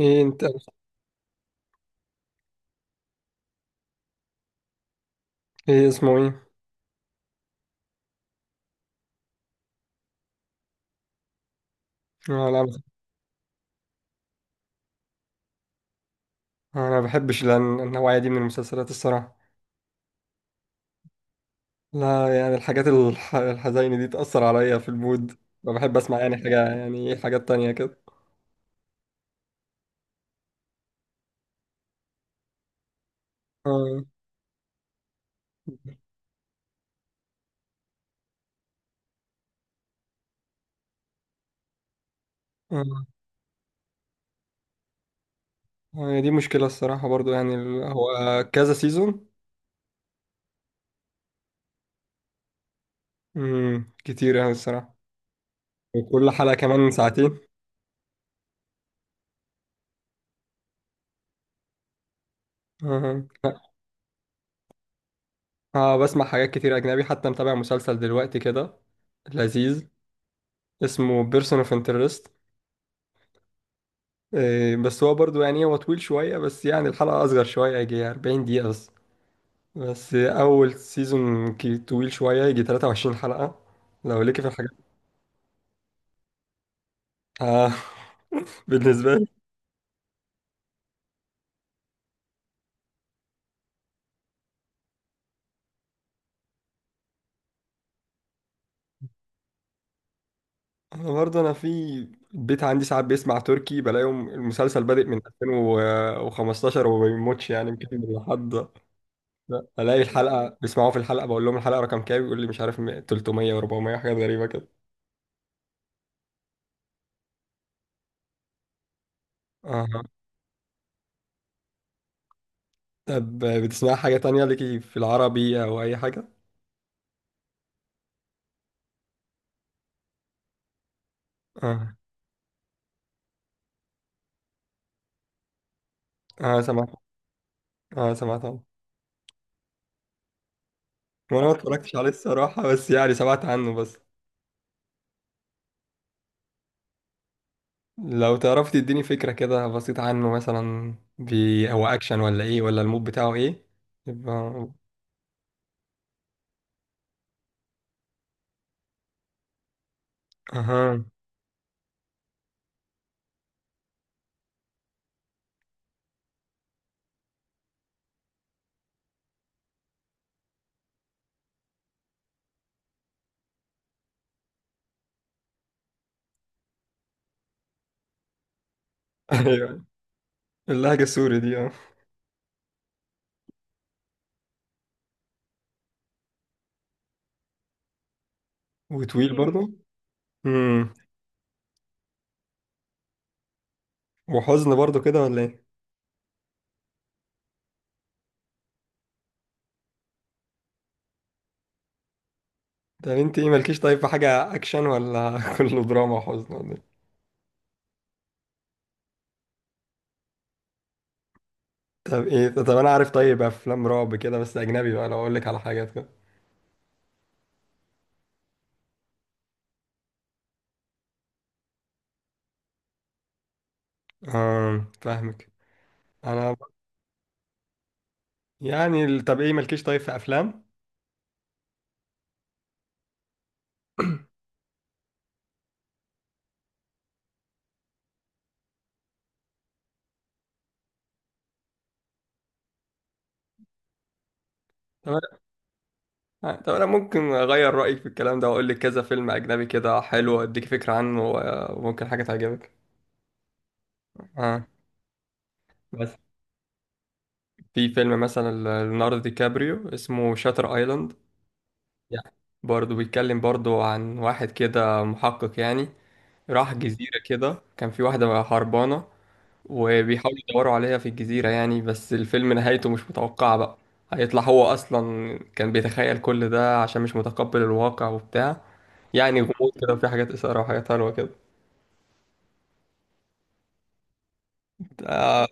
ايه انت؟ ايه اسمه ايه؟ انا لا. انا ما بحبش النوعيه دي من المسلسلات الصراحه. لا يعني الحاجات الحزينه دي تأثر عليا في المود. فبحب اسمع حاجه يعني إيه، حاجات تانية كده. اه اه. هي دي مشكله الصراحه برضو هو كذا سيزون. كتير يعني الصراحه. وكل حلقه كمان ساعتين. اه. بسمع حاجات كتير اجنبي، حتى متابع مسلسل دلوقتي كده لذيذ. اسمه بيرسون اوف انترست. بس هو برضو يعني هو طويل شوية، بس يعني الحلقة أصغر شوية، يجي 40 دقيقة بس. أول سيزون طويل شوية، يجي 23 حلقة لو ليكي في الحاجات. آه بالنسبة لي. أنا برضو في البيت عندي ساعات بيسمع تركي، بلاقيهم المسلسل بادئ من 2015 وما بيموتش، يعني مكمل لحد ألاقي الحلقة بيسمعوها. في الحلقة بقول لهم الحلقة رقم كام، يقول لي مش عارف. 300 و400، حاجات غريبة كده. آه. طب بتسمع حاجة تانية ليكي في العربي أو أي حاجة؟ آه. اه سمعت. اه سمعت عنه. وانا ما اتفرجتش عليه الصراحة، بس يعني سمعت عنه بس. لو تعرف تديني فكرة كده بسيطة عنه، مثلا هو اكشن ولا ايه، ولا المود بتاعه ايه يبقى. اها. ايوه. اللهجة السوري دي، اه. وطويل برضه. امم وحزن برضه كده ولا ايه؟ طب انت ايه مالكيش طيب في حاجة اكشن، ولا كله دراما وحزن ولا ايه؟ طب انا عارف. طيب افلام رعب كده بس اجنبي بقى، لو اقول لك على حاجات كده. اه فاهمك. انا يعني ال- طب ايه مالكيش طيب في افلام. طب انا طب أنا ممكن اغير رايك في الكلام ده واقول لك كذا فيلم اجنبي كده حلو، اديك فكره عنه وممكن حاجه تعجبك. اه. بس في فيلم مثلا ليوناردو دي كابريو، اسمه شاتر ايلاند. يعني برضه بيتكلم برضه عن واحد كده محقق يعني. راح جزيره كده، كان في واحده هربانه، وبيحاولوا يدوروا عليها في الجزيرة يعني. بس الفيلم نهايته مش متوقعة بقى. هيطلع هو أصلا كان بيتخيل كل ده عشان مش متقبل الواقع وبتاع. يعني غموض كده، وفي حاجات إثارة وحاجات حلوة كده. آه.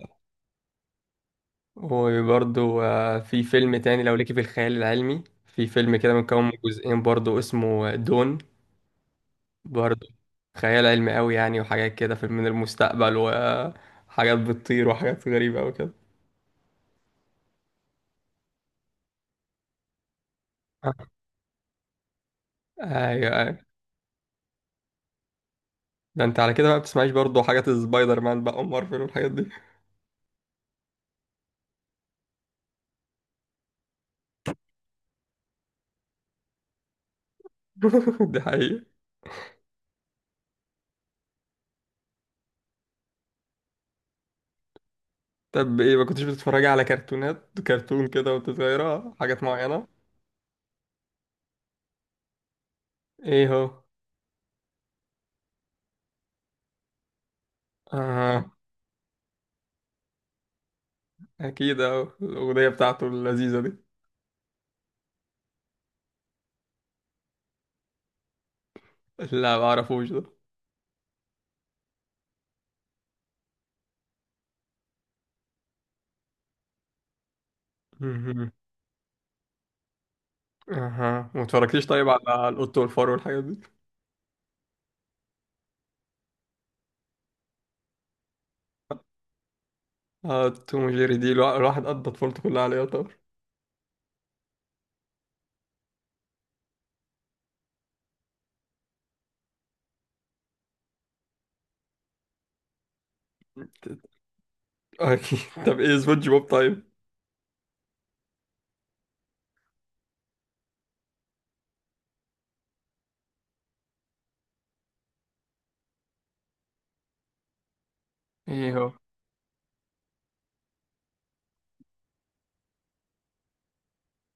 وبرضو آه، في فيلم تاني لو ليكي في الخيال العلمي. في فيلم كده مكون من جزئين برضو، اسمه دون. برضو خيال علمي قوي يعني، وحاجات كده من المستقبل، وحاجات بتطير وحاجات غريبة أوي كده. ايوه. ده انت على كده بقى بتسمعيش برضه حاجات السبايدر مان بقى، ام مارفل والحاجات دي. دي حقيقة. طب ايه، ما كنتش بتتفرجي على كرتونات، كرتون كده وانت صغيرة، حاجات معينة؟ ايه هو؟ اه. اكيد، اهو الاغنية بتاعته اللذيذة دي. لا ما اعرفوش ده. مهم. اها، ما اتفرجتيش طيب على القط والفار والحاجات دي؟ اه توم وجيري، دي الواحد قضى طفولته كلها عليها طبعا. اكيد. طب ايه سبونج بوب طيب؟ ايه هو؟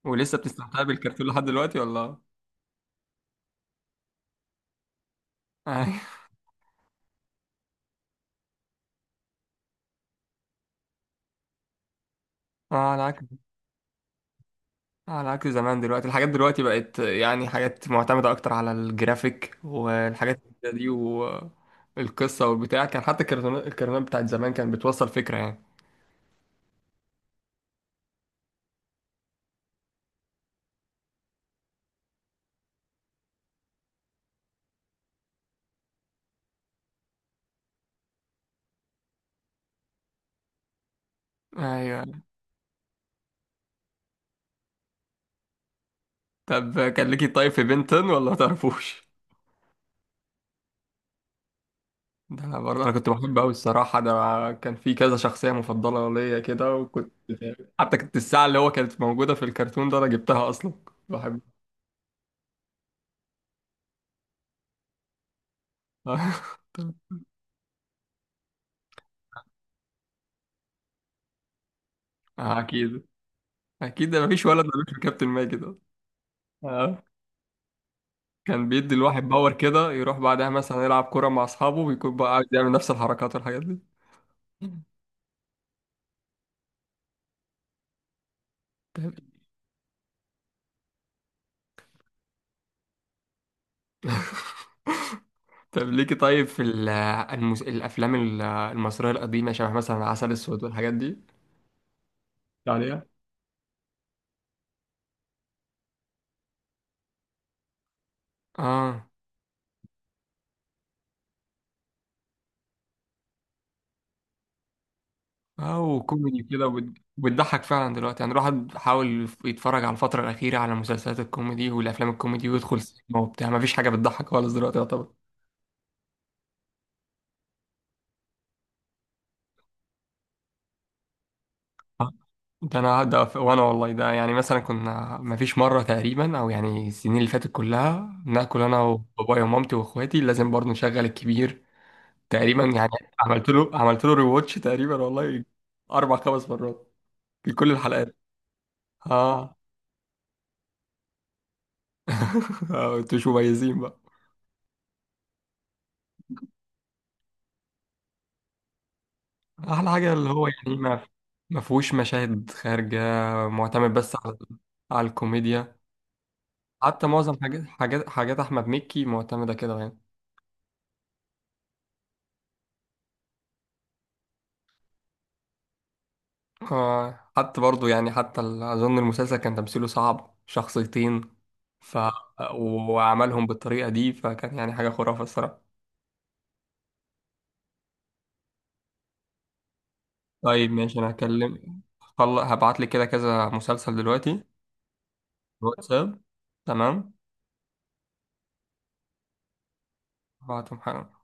ولسه بتستمتع بالكرتون لحد دلوقتي ولا ايوه. اه على. على عكس زمان، دلوقتي الحاجات دلوقتي بقت يعني حاجات معتمدة أكتر على الجرافيك والحاجات دي، والقصة والبتاع. كان حتى الكرتونات، الكرتونات بتاعت زمان كانت بتوصل فكرة يعني. أيوة. طب كان ليكي طيب في بنتن ولا ما تعرفوش؟ ده أنا برضه أنا كنت بحب أوي الصراحة. ده أنا كان في كذا شخصية مفضلة ليا كده، وكنت حتى كنت الساعة اللي هو كانت موجودة في الكرتون ده أنا جبتها أصلا. بحب. أكيد. أكيد مفيش ولد ملوش في كابتن ماجد ده. كان بيدي الواحد باور كده، يروح بعدها مثلا يلعب كرة مع أصحابه ويكون بقى قاعد يعمل نفس الحركات والحاجات دي. طب. ليكي طيب في الأفلام المصرية القديمة شبه مثلا عسل أسود والحاجات دي؟ عليها. اه. أو كوميدي كده وبتضحك فعلا. دلوقتي يعني الواحد حاول يتفرج على الفترة الأخيرة على مسلسلات الكوميدي والأفلام الكوميدي، ويدخل سينما وبتاع، مفيش حاجة بتضحك خالص دلوقتي يعتبر. ده انا ده ف- وانا والله، ده يعني مثلا كنا، ما فيش مره تقريبا، او يعني السنين اللي فاتت كلها ناكل انا وبابايا ومامتي واخواتي لازم برضه نشغل الكبير تقريبا يعني. عملت له ريواتش تقريبا والله، اربع خمس مرات في كل الحلقات. اه. انتوا مش مميزين بقى. احلى حاجه اللي هو ما فيهوش مشاهد خارجه، معتمد بس على، على الكوميديا. حتى معظم حاجات احمد مكي معتمده كده يعني. آه حتى برضو يعني أظن المسلسل كان تمثيله صعب، شخصيتين ف، وعملهم بالطريقة دي، فكان يعني حاجة خرافة الصراحة. طيب ماشي، أنا هكلم، هبعت لك كده كذا مسلسل دلوقتي واتساب. تمام. هبعتهم حالا.